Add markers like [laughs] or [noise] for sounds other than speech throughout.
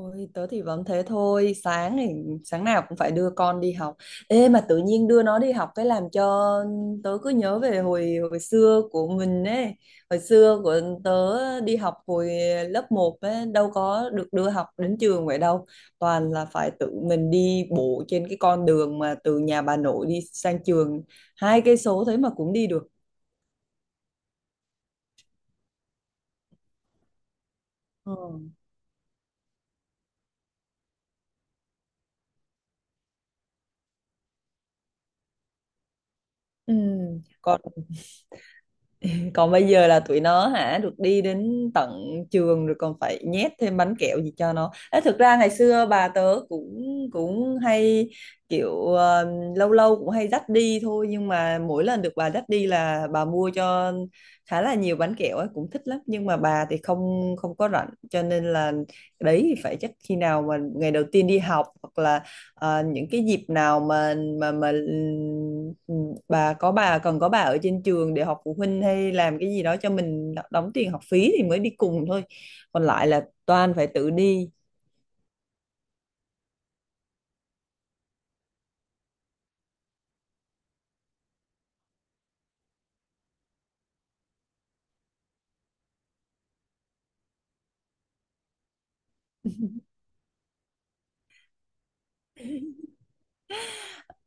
Ôi, tớ thì vẫn thế thôi, sáng nào cũng phải đưa con đi học. Ê, mà tự nhiên đưa nó đi học cái làm cho tớ cứ nhớ về hồi hồi xưa của mình ấy. Hồi xưa của tớ đi học hồi lớp một ấy, đâu có được đưa học đến trường vậy đâu. Toàn là phải tự mình đi bộ trên cái con đường mà từ nhà bà nội đi sang trường, 2 cây số thế mà cũng đi được. Ừ. Ừ. Còn còn bây giờ là tụi nó hả, được đi đến tận trường rồi còn phải nhét thêm bánh kẹo gì cho nó. Ê, thực ra ngày xưa bà tớ cũng cũng hay kiểu, lâu lâu cũng hay dắt đi thôi, nhưng mà mỗi lần được bà dắt đi là bà mua cho khá là nhiều bánh kẹo ấy, cũng thích lắm. Nhưng mà bà thì không không có rảnh, cho nên là đấy, thì phải chắc khi nào mà ngày đầu tiên đi học, hoặc là những cái dịp nào mà mà mà ừ, bà có, bà cần có bà ở trên trường để học phụ huynh hay làm cái gì đó cho mình đóng tiền học phí thì mới đi cùng thôi, còn lại là toàn phải tự đi.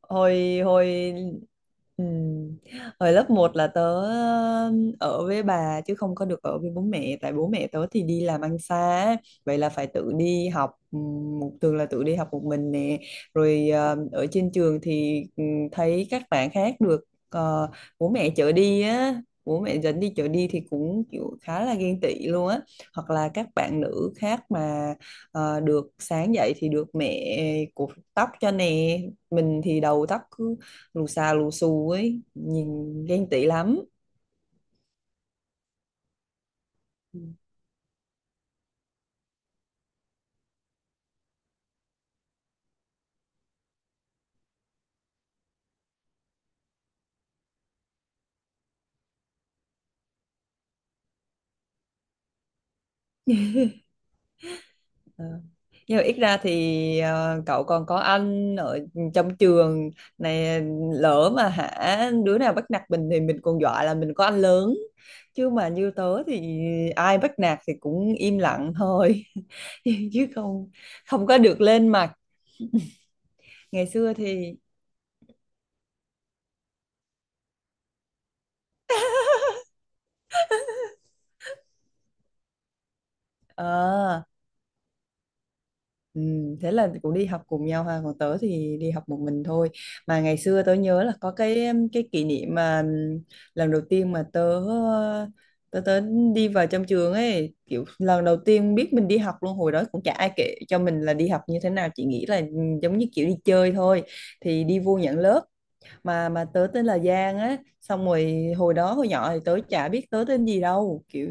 Hồi hồi ừm, hồi lớp một là tớ ở với bà, chứ không có được ở với bố mẹ, tại bố mẹ tớ thì đi làm ăn xa á. Vậy là phải tự đi học, một thường là tự đi học một mình nè. Rồi ở trên trường thì thấy các bạn khác được ờ, bố mẹ chở đi á, bố mẹ dẫn đi chở đi thì cũng kiểu khá là ghen tị luôn á. Hoặc là các bạn nữ khác mà được sáng dậy thì được mẹ cột tóc cho nè, mình thì đầu tóc cứ lù xà lù xù ấy, nhìn ghen tị lắm. Ờ. Nhưng mà ít ra thì cậu còn có anh ở trong trường này, lỡ mà hả đứa nào bắt nạt mình thì mình còn dọa là mình có anh lớn, chứ mà như tớ thì ai bắt nạt thì cũng im lặng thôi [laughs] chứ không không có được lên mặt. Ngày xưa thì, ờ, ừ, thế là cũng đi học cùng nhau ha, còn tớ thì đi học một mình thôi. Mà ngày xưa tớ nhớ là có cái kỷ niệm mà, lần đầu tiên mà tớ ờ, tớ tớ đi vào trong trường ấy, kiểu lần đầu tiên biết mình đi học luôn. Hồi đó cũng chả ai kể cho mình là đi học như thế nào, chỉ nghĩ là giống như kiểu đi chơi thôi. Thì đi vô nhận lớp, mà tớ tên là Giang á. Xong rồi hồi đó hồi nhỏ thì tớ chả biết tớ tên gì đâu, kiểu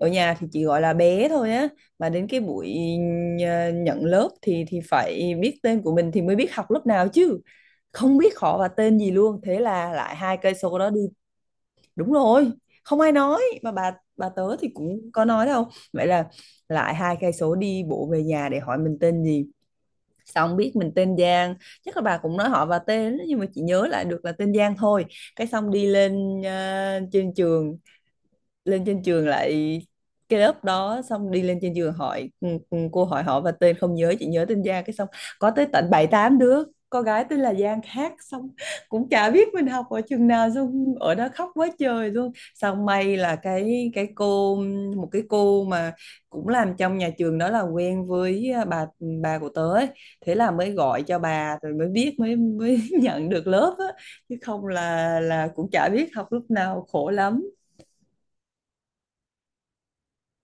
ở nhà thì chỉ gọi là bé thôi á. Mà đến cái buổi nhận lớp thì phải biết tên của mình thì mới biết học lớp nào, chứ không biết họ và tên gì luôn, thế là lại 2 cây số đó đi. Đúng rồi, không ai nói mà bà tớ thì cũng có nói đâu, vậy là lại 2 cây số đi bộ về nhà để hỏi mình tên gì. Xong biết mình tên Giang. Chắc là bà cũng nói họ và tên nhưng mà chị nhớ lại được là tên Giang thôi. Cái xong đi lên, trên trường, lên trên trường lại cái lớp đó, xong đi lên trên trường hỏi, cô hỏi họ và tên không nhớ, chỉ nhớ tên Giang. Cái xong có tới tận bảy tám đứa con gái tên là Giang khác, xong cũng chả biết mình học ở trường nào, xong ở đó khóc quá trời luôn. Xong may là cái cô, một cái cô mà cũng làm trong nhà trường đó là quen với, à, bà của tớ ấy. Thế là mới gọi cho bà rồi mới biết, mới mới [laughs] nhận được lớp á. Chứ không là cũng chả biết học lúc nào, khổ lắm.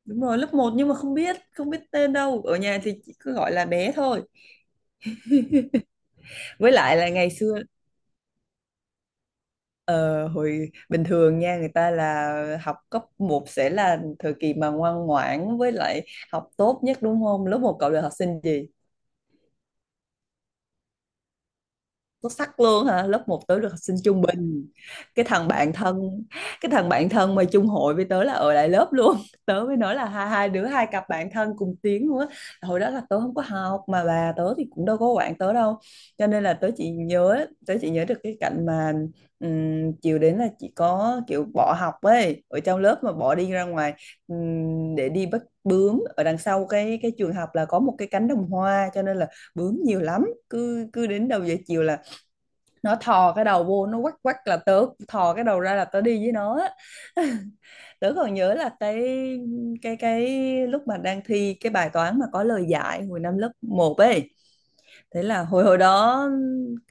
Đúng rồi, lớp một nhưng mà không biết tên đâu. Ở nhà thì chỉ cứ gọi là bé thôi. Với lại là ngày xưa, ờ, hồi bình thường nha, người ta là học cấp một sẽ là thời kỳ mà ngoan ngoãn với lại học tốt nhất đúng không? Lớp một cậu là học sinh gì? Xuất sắc luôn hả? Lớp một tớ được học sinh trung bình. cái thằng bạn thân cái thằng bạn thân mà chung hội với tớ là ở lại lớp luôn [laughs] tớ mới nói là hai hai đứa, hai cặp bạn thân cùng tiếng luôn á. Hồi đó là tớ không có học mà bà tớ thì cũng đâu có quản tớ đâu, cho nên là tớ chỉ nhớ được cái cảnh mà, chiều đến là chỉ có kiểu bỏ học ấy, ở trong lớp mà bỏ đi ra ngoài, để đi bắt bướm ở đằng sau cái trường học là có một cái cánh đồng hoa, cho nên là bướm nhiều lắm. Cứ cứ đến đầu giờ chiều là nó thò cái đầu vô, nó quắc quắc là tớ thò cái đầu ra là tớ đi với nó á. [laughs] Tớ còn nhớ là cái lúc mà đang thi cái bài toán mà có lời giải hồi năm lớp một ấy. Thế là hồi hồi đó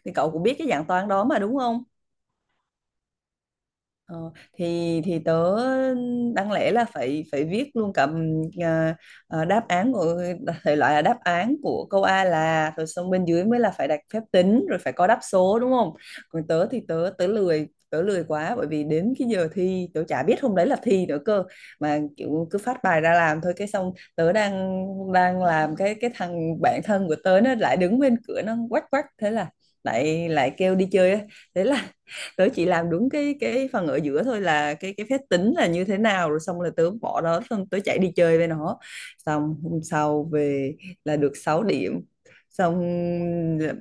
thì cậu cũng biết cái dạng toán đó mà đúng không? Ờ, thì tớ đáng lẽ là phải phải viết luôn cả, đáp án của, thể loại là đáp án của câu A là, rồi xong bên dưới mới là phải đặt phép tính rồi phải có đáp số đúng không? Còn tớ thì tớ tớ lười quá, bởi vì đến cái giờ thi tớ chả biết hôm đấy là thi nữa cơ, mà kiểu cứ phát bài ra làm thôi. Cái xong tớ đang đang làm, cái thằng bạn thân của tớ nó lại đứng bên cửa nó quách quách thế là lại lại kêu đi chơi á. Thế là tớ chỉ làm đúng cái phần ở giữa thôi, là cái phép tính là như thế nào, rồi xong là tớ bỏ đó, xong tớ chạy đi chơi với nó. Xong hôm sau về là được 6 điểm. Xong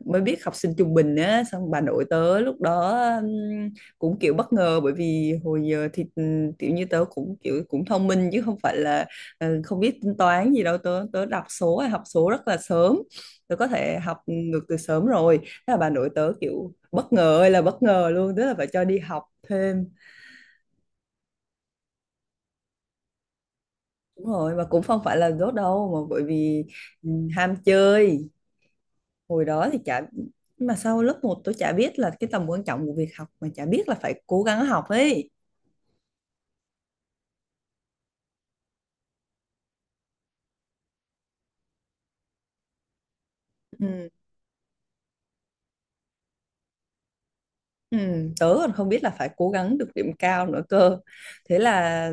mới biết học sinh trung bình á. Xong bà nội tớ lúc đó cũng kiểu bất ngờ, bởi vì hồi giờ thì kiểu như tớ cũng kiểu cũng thông minh, chứ không phải là không biết tính toán gì đâu. Tớ tớ đọc số hay học số rất là sớm, tớ có thể học ngược từ sớm rồi. Thế là bà nội tớ kiểu bất ngờ ơi là bất ngờ luôn, tức là phải cho đi học thêm. Đúng rồi, mà cũng không phải là dốt đâu mà, bởi vì, ừ, ham chơi. Hồi đó thì chả Mà sau lớp một tôi chả biết là cái tầm quan trọng của việc học, mà chả biết là phải cố gắng học ấy. Ừ. Ừ, tớ còn không biết là phải cố gắng được điểm cao nữa cơ. Thế là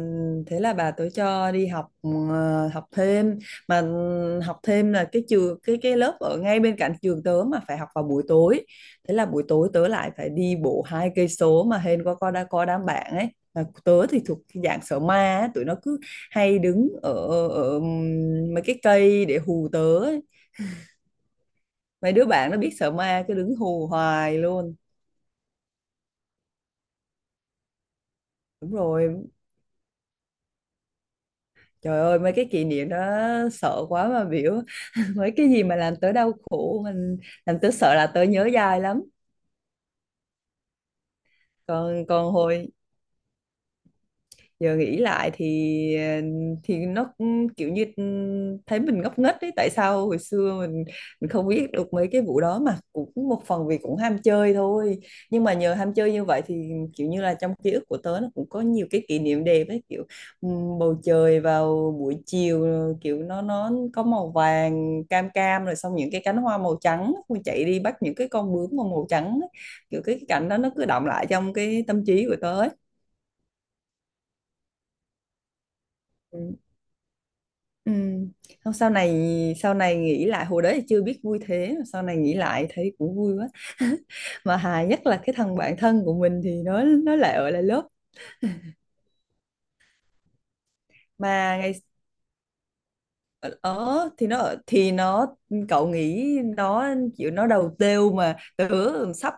Thế là bà tớ cho đi học, học thêm. Mà ừ, học thêm là cái trường, cái lớp ở ngay bên cạnh trường tớ mà phải học vào buổi tối. Thế là buổi tối tớ lại phải đi bộ 2 cây số, mà hên có đã có đám bạn ấy. Mà tớ thì thuộc cái dạng sợ ma á, tụi nó cứ hay đứng ở ở mấy cái cây để hù tớ ấy. Mấy đứa bạn nó biết sợ ma cứ đứng hù hoài luôn. Đúng rồi. Trời ơi, mấy cái kỷ niệm đó sợ quá mà biểu [laughs] mấy cái gì mà làm tớ đau khổ, mình làm tớ sợ là tớ nhớ dai lắm. Còn còn hồi giờ nghĩ lại thì thì nó cũng kiểu như, thấy mình ngốc nghếch đấy, tại sao hồi xưa mình không biết được mấy cái vụ đó mà, cũng một phần vì cũng ham chơi thôi. Nhưng mà nhờ ham chơi như vậy thì kiểu như là trong ký ức của tớ nó cũng có nhiều cái kỷ niệm đẹp ấy, kiểu, ừ, bầu trời vào buổi chiều, kiểu nó có màu vàng cam cam, rồi xong những cái cánh hoa màu trắng. Mình chạy đi bắt những cái con bướm mà màu trắng ấy. Kiểu cái cảnh đó nó cứ đọng lại trong cái tâm trí của tớ ấy. Ừ. Ừ. Không, sau này nghĩ lại hồi đấy thì chưa biết vui, thế mà sau này nghĩ lại thấy cũng vui quá [laughs] mà hài nhất là cái thằng bạn thân của mình thì nó lại ở lại lớp. Mà ngày ở ở- thì nó cậu nghĩ, nó chịu, nó đầu têu mà tớ sắp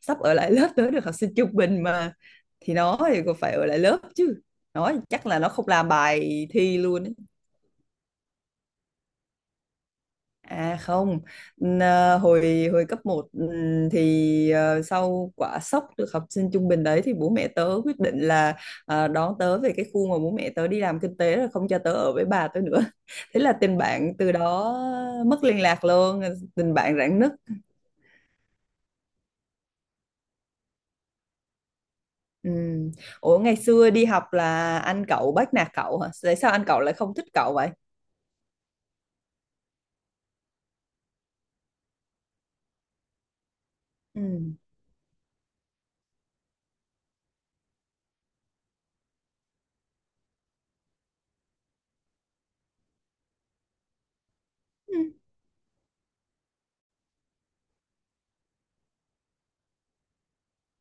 sắp ở lại lớp, tớ được học sinh trung bình mà thì nó thì còn phải ở lại lớp chứ, nó chắc là nó không làm bài thi luôn. À không, hồi hồi cấp một, thì sau quả sốc được học sinh trung bình đấy thì bố mẹ tớ quyết định là đón tớ về cái khu mà bố mẹ tớ đi làm kinh tế, rồi không cho tớ ở với bà tớ nữa. [laughs] Thế là tình bạn từ đó mất liên lạc luôn, tình bạn rạn nứt. Ừ. Ủa ngày xưa đi học là anh cậu bắt nạt cậu hả? Tại sao anh cậu lại không thích cậu vậy? Ừ.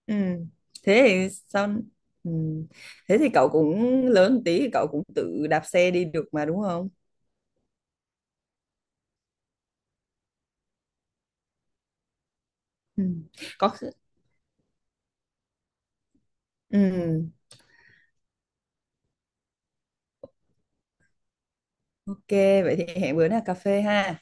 Ừ. Thế thì sao? Ừ. Thế thì cậu cũng lớn một tí thì cậu cũng tự đạp xe đi được mà đúng không? Ừ. Có khi- ừ. Ok, vậy thì hẹn bữa nào cà phê ha.